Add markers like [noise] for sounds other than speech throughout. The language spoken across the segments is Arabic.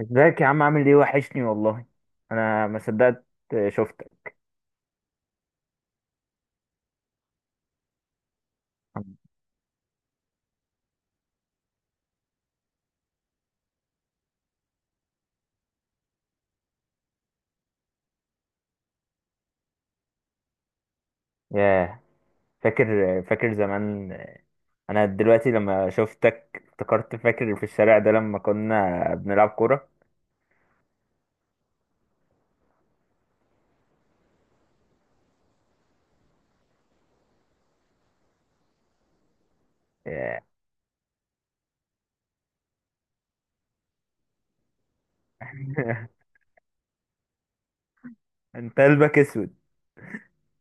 ازيك يا عم؟ عامل ايه؟ وحشني والله. انا ما صدقت شفتك. ياه. فاكر فاكر زمان. انا دلوقتي لما شفتك افتكرت. فاكر في الشارع ده لما كنا بنلعب كورة؟ ياه. [laughs] انت قلبك اسود.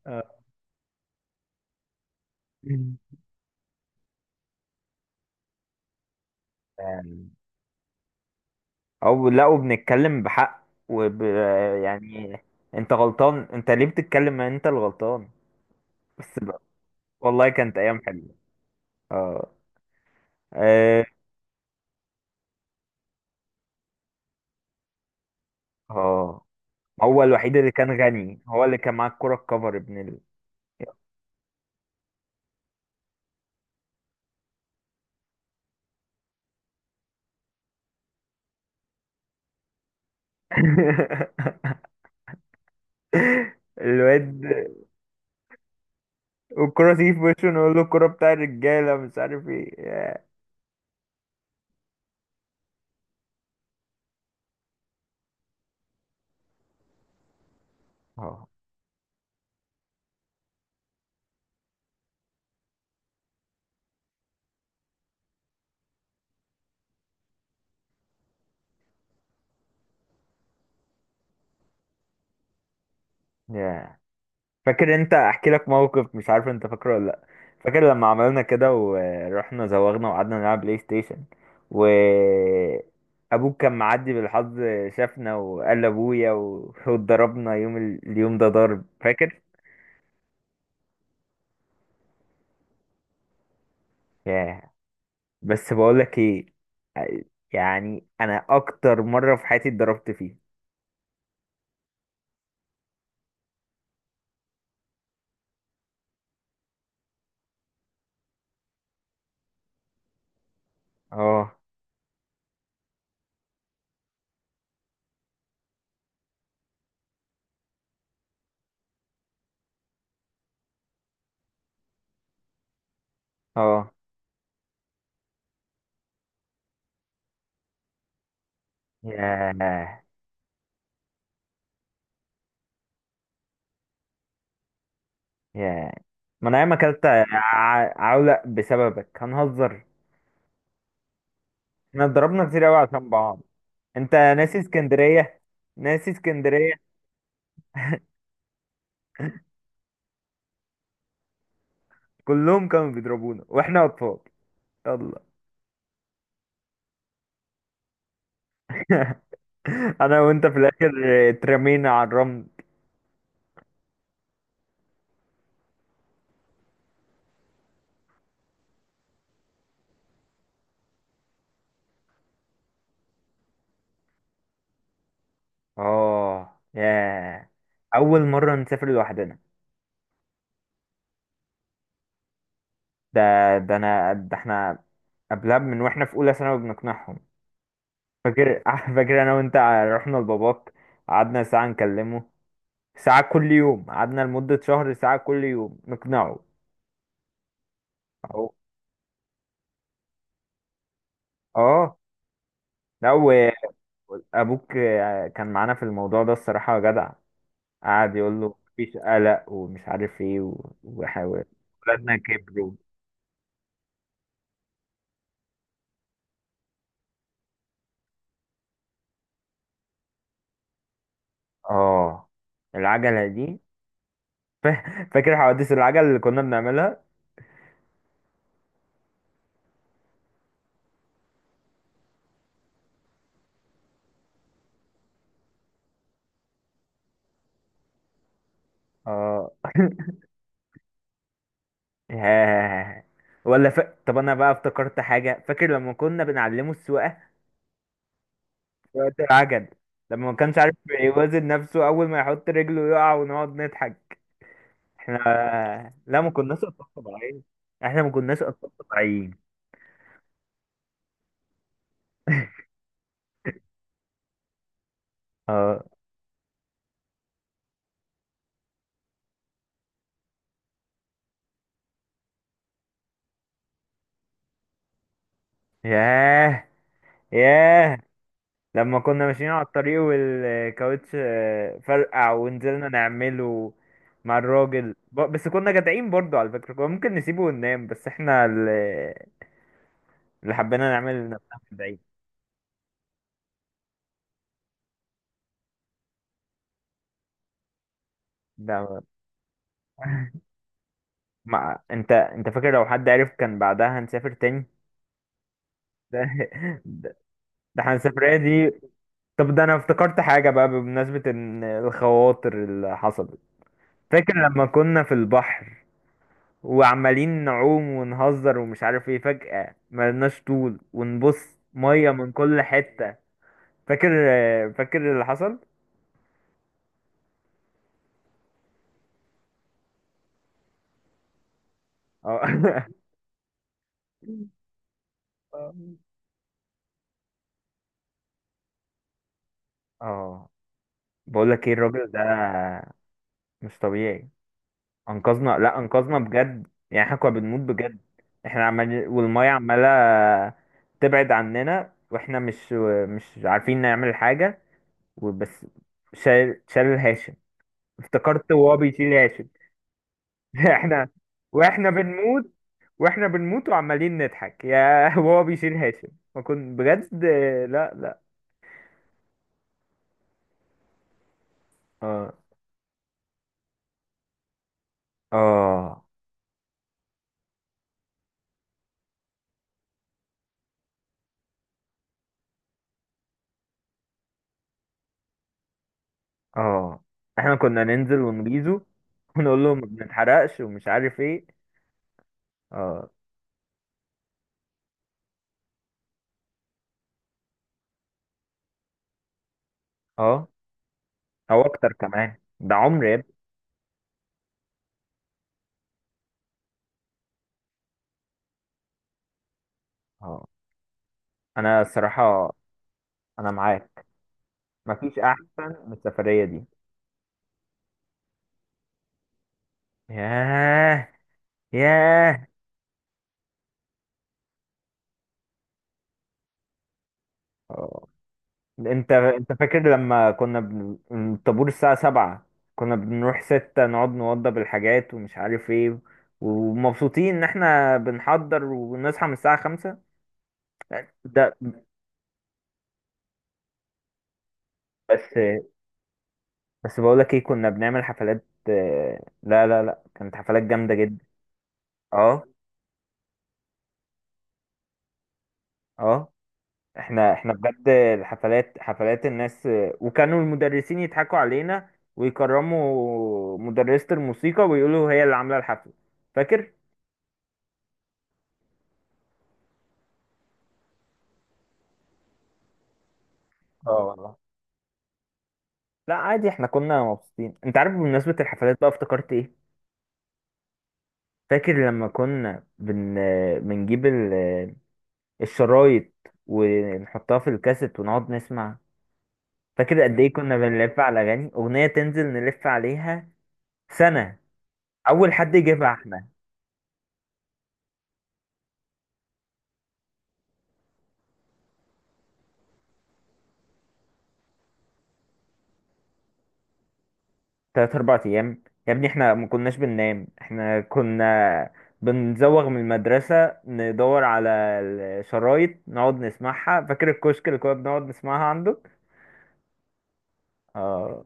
اه. يعني- او لا وبنتكلم بحق يعني انت غلطان. انت ليه بتتكلم؟ ما انت اللي غلطان. بس بقى. والله كانت ايام حلوه. اه. اه. آه. هو الوحيد اللي كان غني، هو اللي كان معاه الكرة الكفر ابن [laughs] الواد والكرة تيجي في وشه، نقول له الكرة بتاع الرجالة مش عارف ايه. ياه. اه. ياه. فاكر؟ انت احكي لك موقف مش عارف انت فاكره ولا لا. فاكر لما عملنا كده ورحنا زوغنا وقعدنا نلعب بلاي ستيشن؟ و ابوك كان معدي بالحظ، شافنا وقال لابويا واتضربنا يوم اليوم ده ضرب. فاكر؟ ياه. بس بقولك ايه. يعني انا اكتر مرة في حياتي اتضربت فيها. اه. اه. ياه. ياه. ما انا ياما اكلت عولق بسببك هنهزر. احنا اتضربنا كتير قوي عشان بعض. انت ناسي اسكندرية؟ ناسي اسكندرية. كلهم كانوا بيضربونا واحنا اطفال. يلا. [laughs] انا وانت في الاخر اترمينا على الرمل. اه. ياه. اول مرة نسافر لوحدنا. ده ده انا، ده احنا قبلها من واحنا في اولى ثانوي بنقنعهم. فاكر؟ [laughs] فاكر انا وانت رحنا لباباك، قعدنا ساعة نكلمه، ساعة كل يوم، قعدنا لمدة شهر ساعة كل يوم نقنعه. أهو. اه. لا وابوك كان معانا في الموضوع ده الصراحة جدع، قعد يقول له مفيش قلق ومش عارف ايه وحاول. ولادنا كبروا. اه، العجلة دي. [laughs] فاكر حوادث العجل اللي كنا بنعملها؟ اه. [laughs] ياه. ولا طب انا بقى افتكرت حاجه. فاكر لما كنا بنعلمه السواقه في وقت العجل؟ لما ما كانش عارف يوازن نفسه اول ما يحط رجله يقع ونقعد نضحك. احنا. لا، ما كناش اطفال طبيعيين. احنا ما كناش اطفال طبيعيين. [laughs] اه. ياه. ياه. لما كنا ماشيين على الطريق والكاوتش فرقع ونزلنا نعمله مع الراجل بس كنا جدعين برضو على فكرة، كنا ممكن نسيبه وننام بس احنا اللي حبينا نعمل نفسنا من بعيد. ده. [laughs] ما انت فاكر لو حد عرف كان بعدها هنسافر تاني؟ [laughs] ده ده ده احنا السفرية دي. طب ده انا افتكرت حاجة بقى بمناسبة ان الخواطر اللي حصلت. فاكر لما كنا في البحر وعمالين نعوم ونهزر ومش عارف ايه، فجأة ملناش طول ونبص، مية من كل حتة؟ فاكر فاكر اللي حصل؟ اه. [laughs] اه. بقول لك ايه، الراجل ده مش طبيعي. انقذنا. لا، انقذنا بجد، يعني احنا كنا بنموت بجد. احنا عمال والميه عماله تبعد عننا واحنا مش عارفين نعمل حاجه. وبس. شال هاشم. افتكرت وهو بيشيل هاشم. [laughs] احنا واحنا بنموت واحنا بنموت وعمالين نضحك يا [laughs] وهو بيشيل هاشم. ما كنت بجد. لا. لا. اه. اه. اه. احنا كنا ننزل ونغيظه ونقول لهم ما بنتحرقش ومش عارف ايه. اه. اه. او اكتر كمان، ده عمر يا ابني. اه. انا الصراحه، انا معاك. مفيش احسن من السفريه دي. ياه. ياه. اه. انت فاكر لما كنا الطابور الساعه 7؟ كنا بنروح ستة نقعد نوضب الحاجات ومش عارف ايه، ومبسوطين ان احنا بنحضر ونصحى من الساعه 5. ده. بس بس بقولك ايه، كنا بنعمل حفلات. لا، لا، لا، كانت حفلات جامده جدا. اه. اه. احنا بجد الحفلات حفلات الناس، وكانوا المدرسين يضحكوا علينا ويكرموا مدرسة الموسيقى ويقولوا هي اللي عاملة الحفلة. فاكر؟ اه والله. لا عادي، احنا كنا مبسوطين. انت عارف بمناسبة الحفلات بقى افتكرت ايه؟ فاكر لما كنا بنجيب الشرايط ونحطها في الكاسيت ونقعد نسمع؟ فاكر قد ايه كنا بنلف على اغاني؟ اغنية تنزل نلف عليها سنة اول حد يجيبها احنا. تلات أربع أيام يا ابني، احنا ما كناش بننام. احنا كنا بنزوغ من المدرسة ندور على الشرايط نقعد نسمعها. فاكر الكشك اللي كنا بنقعد نسمعها عندك؟ اه.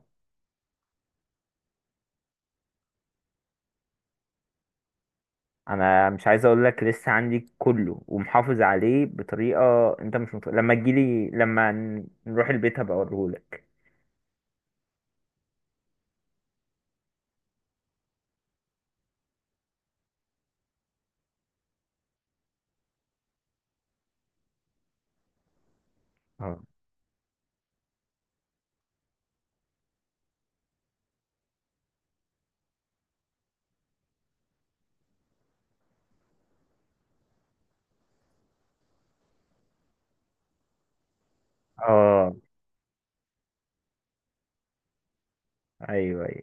انا مش عايز اقول لك، لسه عندي كله ومحافظ عليه بطريقة انت مش لما تجيلي، لما نروح البيت هبقى اوريهولك. اه. اه. ايوه. ايوه.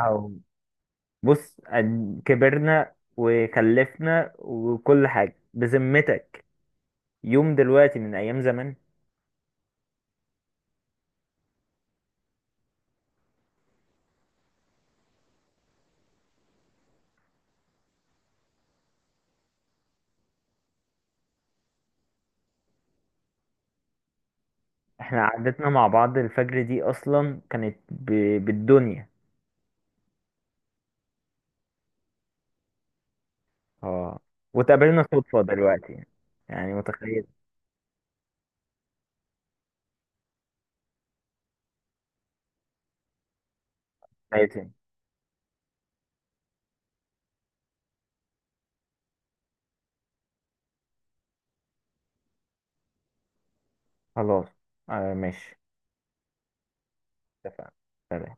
أو. بص، كبرنا وخلفنا وكل حاجة بذمتك. يوم دلوقتي من ايام زمان. احنا قعدتنا مع بعض الفجر دي اصلا كانت بالدنيا. اه. واتقابلنا صدفة دلوقتي. يعني متخيل؟ متخيل. خلاص. آه ماشي. اتفقنا. سلام.